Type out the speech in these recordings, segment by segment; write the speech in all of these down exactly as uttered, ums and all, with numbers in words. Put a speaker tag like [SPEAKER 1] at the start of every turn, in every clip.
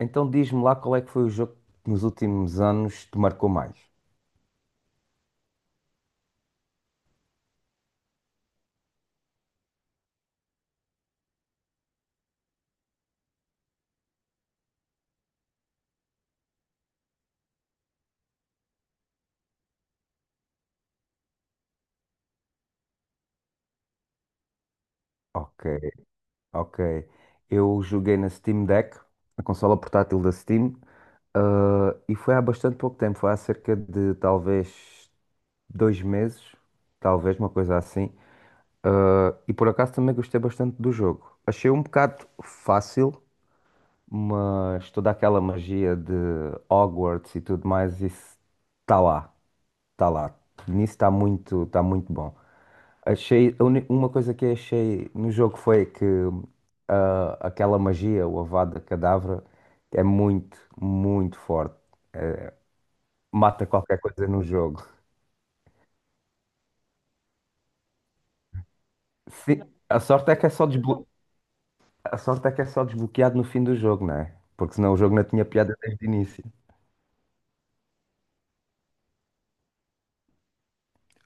[SPEAKER 1] Então diz-me lá qual é que foi o jogo que nos últimos anos te marcou mais. Ok, ok. Eu joguei na Steam Deck, a consola portátil da Steam, ah, e foi há bastante pouco tempo, foi há cerca de talvez dois meses, talvez uma coisa assim. Ah, e por acaso também gostei bastante do jogo. Achei um bocado fácil, mas toda aquela magia de Hogwarts e tudo mais, isso está lá, está lá. Nisso está muito, está muito bom. Achei, a uni- uma coisa que achei no jogo foi que ah, aquela magia, o Avada Kedavra, é muito, muito forte. Mata qualquer coisa no jogo. Sim, a sorte é que é só desblo... a sorte é que é só desbloqueado no fim do jogo, não é? Porque senão o jogo não tinha piada desde o início.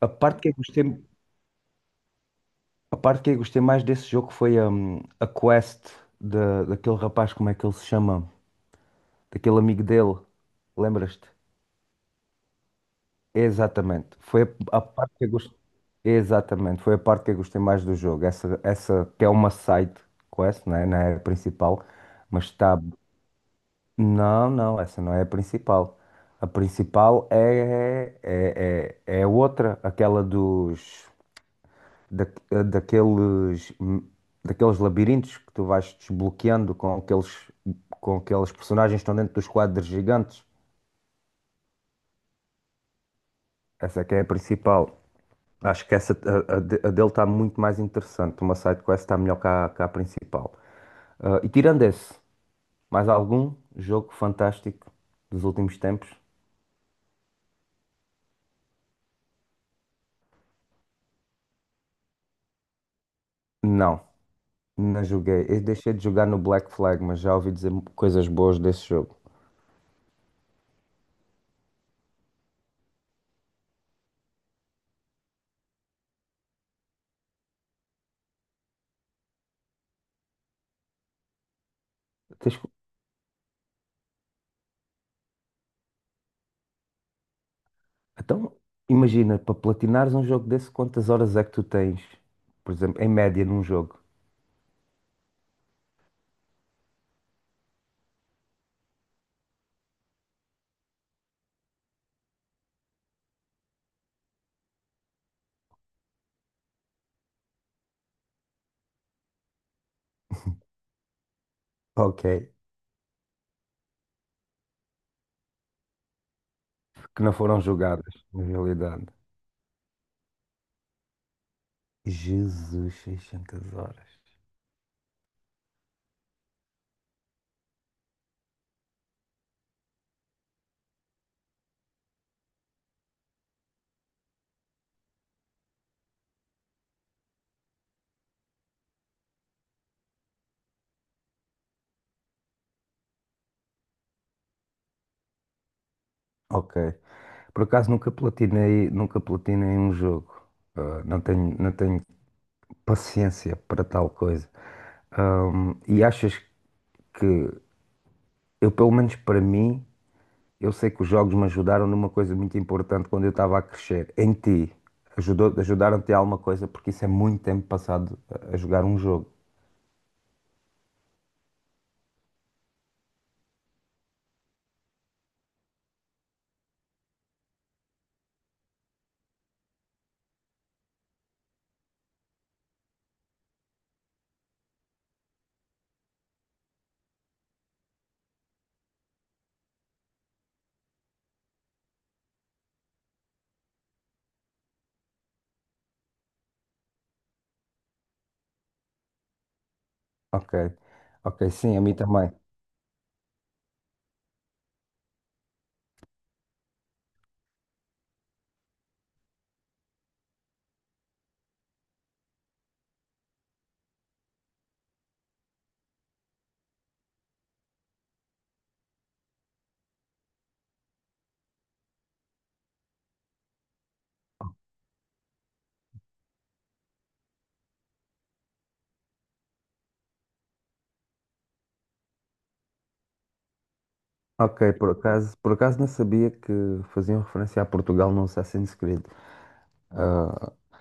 [SPEAKER 1] A parte que eu gostei, a parte que eu gostei mais desse jogo foi hum, a quest da daquele rapaz, como é que ele se chama? Daquele amigo dele, lembras-te? Exatamente. Foi a a parte que eu gostei. Exatamente. Foi a parte que eu gostei mais do jogo. Essa, essa que é uma side quest, né? Não é a principal, mas está. Não, não, essa não é a principal. A principal é, é, é, é outra, aquela dos da, daqueles daqueles labirintos que tu vais desbloqueando com aqueles com aqueles personagens que estão dentro dos quadros gigantes. Essa é que é a principal. Acho que essa, a, a de- a dele está muito mais interessante. Uma side quest está melhor que a, que a principal. Ah, e tirando esse, mais algum jogo fantástico dos últimos tempos? Não, não joguei. Eu deixei de jogar no Black Flag, mas já ouvi dizer coisas boas desse jogo. Tens que- Então, imagina, para platinares um jogo desse, quantas horas é que tu tens, por exemplo, em média num jogo? Ok. Que não foram jogadas, na realidade. Jesus, seiscentas horas. Ok. Por acaso nunca platinei, nunca platinei um jogo. Ah, não tenho, não tenho paciência para tal coisa. Ahm, e achas que eu, pelo menos para mim, eu sei que os jogos me ajudaram numa coisa muito importante quando eu estava a crescer. Em ti, ajudou, ajudaram-te a alguma coisa? Porque isso é muito tempo passado a a jogar um jogo. Ok. Ok, sim, a mim também. Ok, por acaso, por acaso não sabia que faziam referência a Portugal no Assassin's Creed.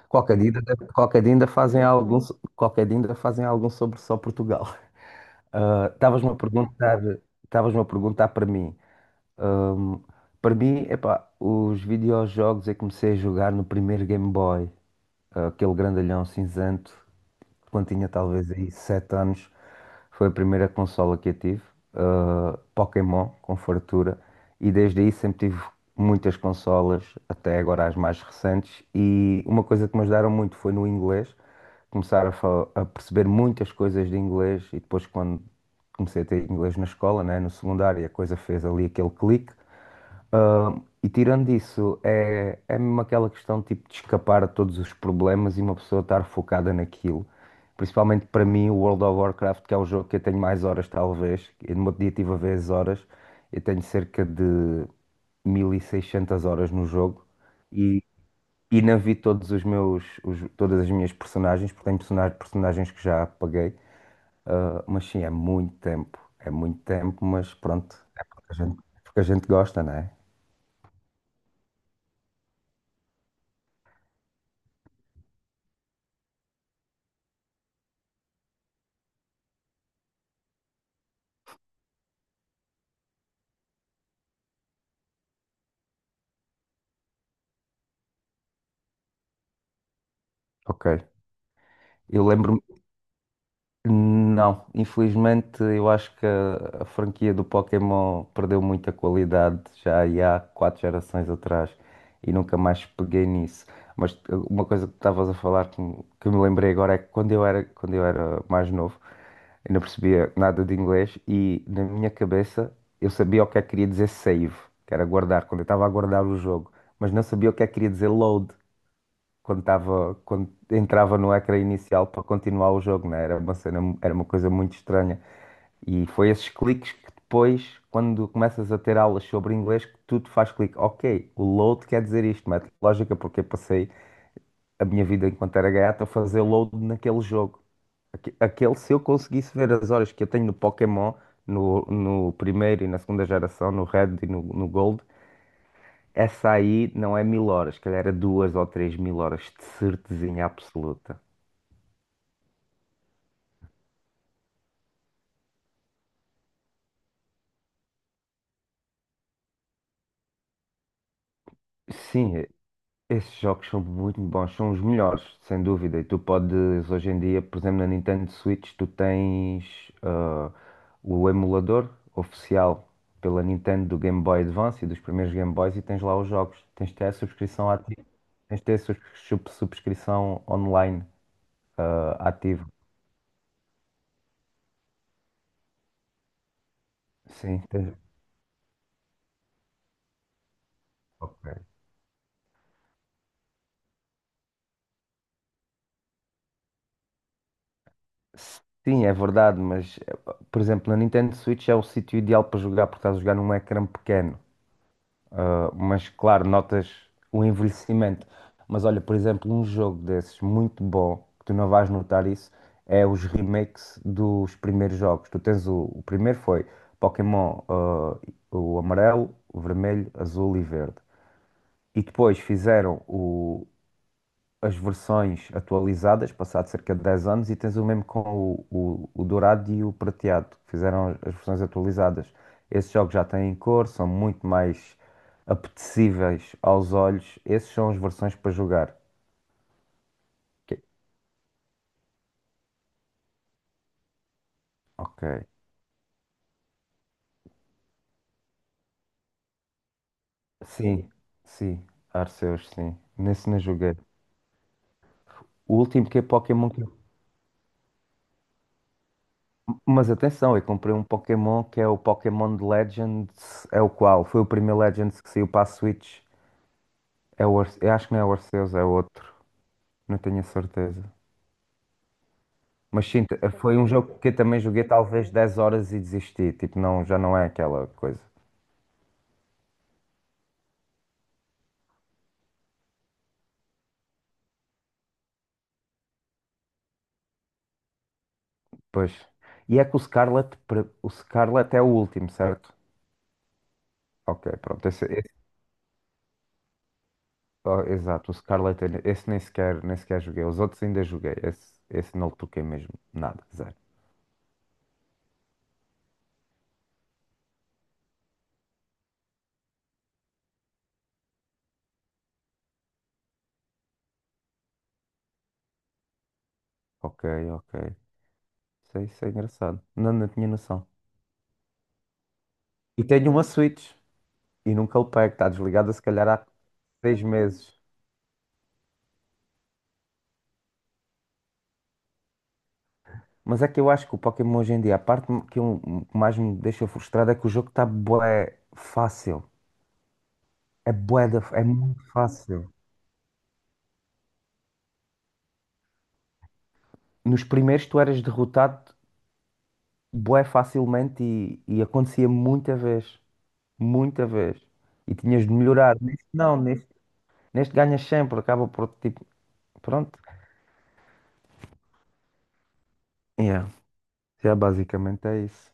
[SPEAKER 1] Qualquer dia, ainda- qualquer dia ainda fazem algum, so- qualquer dia ainda fazem algum sobre só Portugal. Ah, Estavas-me a perguntar, estavas-me a perguntar para mim. Para mim, epá, os videojogos eu comecei a jogar no primeiro Game Boy, ah, aquele grandalhão cinzento quando tinha talvez aí sete anos, foi a primeira consola que eu tive, ah, Pokémon, com fartura, e desde aí sempre tive muitas consolas, até agora as mais recentes, e uma coisa que me ajudaram muito foi no inglês, começar a, fa- a perceber muitas coisas de inglês, e depois quando comecei a ter inglês na escola, né, no secundário, a coisa fez ali aquele clique, ah, E tirando isso, é, é mesmo aquela questão tipo, de escapar a todos os problemas e uma pessoa estar focada naquilo. Principalmente para mim, o World of Warcraft, que é o jogo que eu tenho mais horas, talvez. Eu no meu dia tive a ver as horas. Eu tenho cerca de mil e seiscentas horas no jogo. E, e não vi todos os meus, os- todas as minhas personagens, porque tenho persona- personagens que já apaguei. Ah, mas sim, é muito tempo. É muito tempo, mas pronto. É porque a gente, porque a gente gosta, né? Ok. Eu lembro-me. Não, infelizmente eu acho que a, a franquia do Pokémon perdeu muita qualidade já aí há quatro gerações atrás e nunca mais peguei nisso. Mas eh, uma coisa que estavas a falar que, me- que me lembrei agora é que quando eu era, quando eu era mais novo, eu não percebia nada de inglês e na minha cabeça eu sabia o que é que queria dizer save, que era guardar, quando eu estava a guardar o jogo, mas não sabia o que é que queria dizer load quando estava, quando entrava no ecrã inicial para continuar o jogo, né? Era uma cena, era uma coisa muito estranha. E foi esses cliques que depois, quando começas a ter aulas sobre inglês, que tudo faz clique. Ok, o load quer dizer isto, mete lógica, porque eu passei a minha vida enquanto era gaiato a fazer load naquele jogo. Aque- Aquele, se eu conseguisse ver as horas que eu tenho no Pokémon, no, no primeiro e na segunda geração, no Red e no, no Gold, essa aí não é mil horas, se calhar era duas ou três mil horas de certezinha absoluta. Sim, esses jogos são muito bons, são os melhores, sem dúvida. E tu podes, hoje em dia, por exemplo, na Nintendo Switch, tu tens ah, o emulador oficial pela Nintendo do Game Boy Advance e dos primeiros Game Boys e tens lá os jogos. Tens de ter a subscrição ativa, tens de ter a subs- sub- subscrição online ah, ativa. Sim, tens. Ok. Sim, é verdade, mas eh, por exemplo, na Nintendo Switch é o sítio ideal para jogar porque estás a jogar num ecrã pequeno. Ah, mas claro, notas o envelhecimento. Mas olha, por exemplo, um jogo desses muito bom, que tu não vais notar isso, é os remakes dos primeiros jogos. Tu tens o, o primeiro foi Pokémon, ah, o amarelo, o vermelho, azul e verde. E depois fizeram o, as versões atualizadas, passado cerca de dez anos, e tens o mesmo com o, o, o dourado e o prateado, que fizeram as versões atualizadas. Esses jogos já têm cor, são muito mais apetecíveis aos olhos. Esses são as versões para jogar. Ok. Ok. Sim, sim. Arceus, sim. Nesse não joguei. O último que é Pokémon. Que- Mas atenção, eu comprei um Pokémon que é o Pokémon Legends. É o qual? Foi o primeiro Legends que saiu para a Switch. É o Arce- Eu acho que não é o Arceus, é outro. Não tenho a certeza. Mas sim, t- foi um jogo que eu também joguei talvez dez horas e desisti. Tipo, não, já não é aquela coisa. Pois. E é que o Scarlet, pre- o Scarlet é o último, certo? Ok, pronto. Esse, esse- oh, exato, o Scarlet, eu- esse nem sequer, nem sequer joguei. Os outros ainda joguei. Esse, esse não toquei mesmo. Nada, zero. Ok, ok. Isso, é- isso é engraçado. Não, não tinha noção. E tenho uma Switch. E nunca o pego. Está desligada se calhar há seis meses. Mas é que eu acho que o Pokémon hoje em dia, a parte que eu, que mais me deixa frustrado é que o jogo está bué fácil. É bué da- é muito fácil. Nos primeiros tu eras derrotado bué facilmente e, e acontecia muita vez. Muita vez. E tinhas de melhorar. Neste não, neste, neste ganhas sempre, acaba por tipo. Pronto. Yeah. Já basicamente é isso.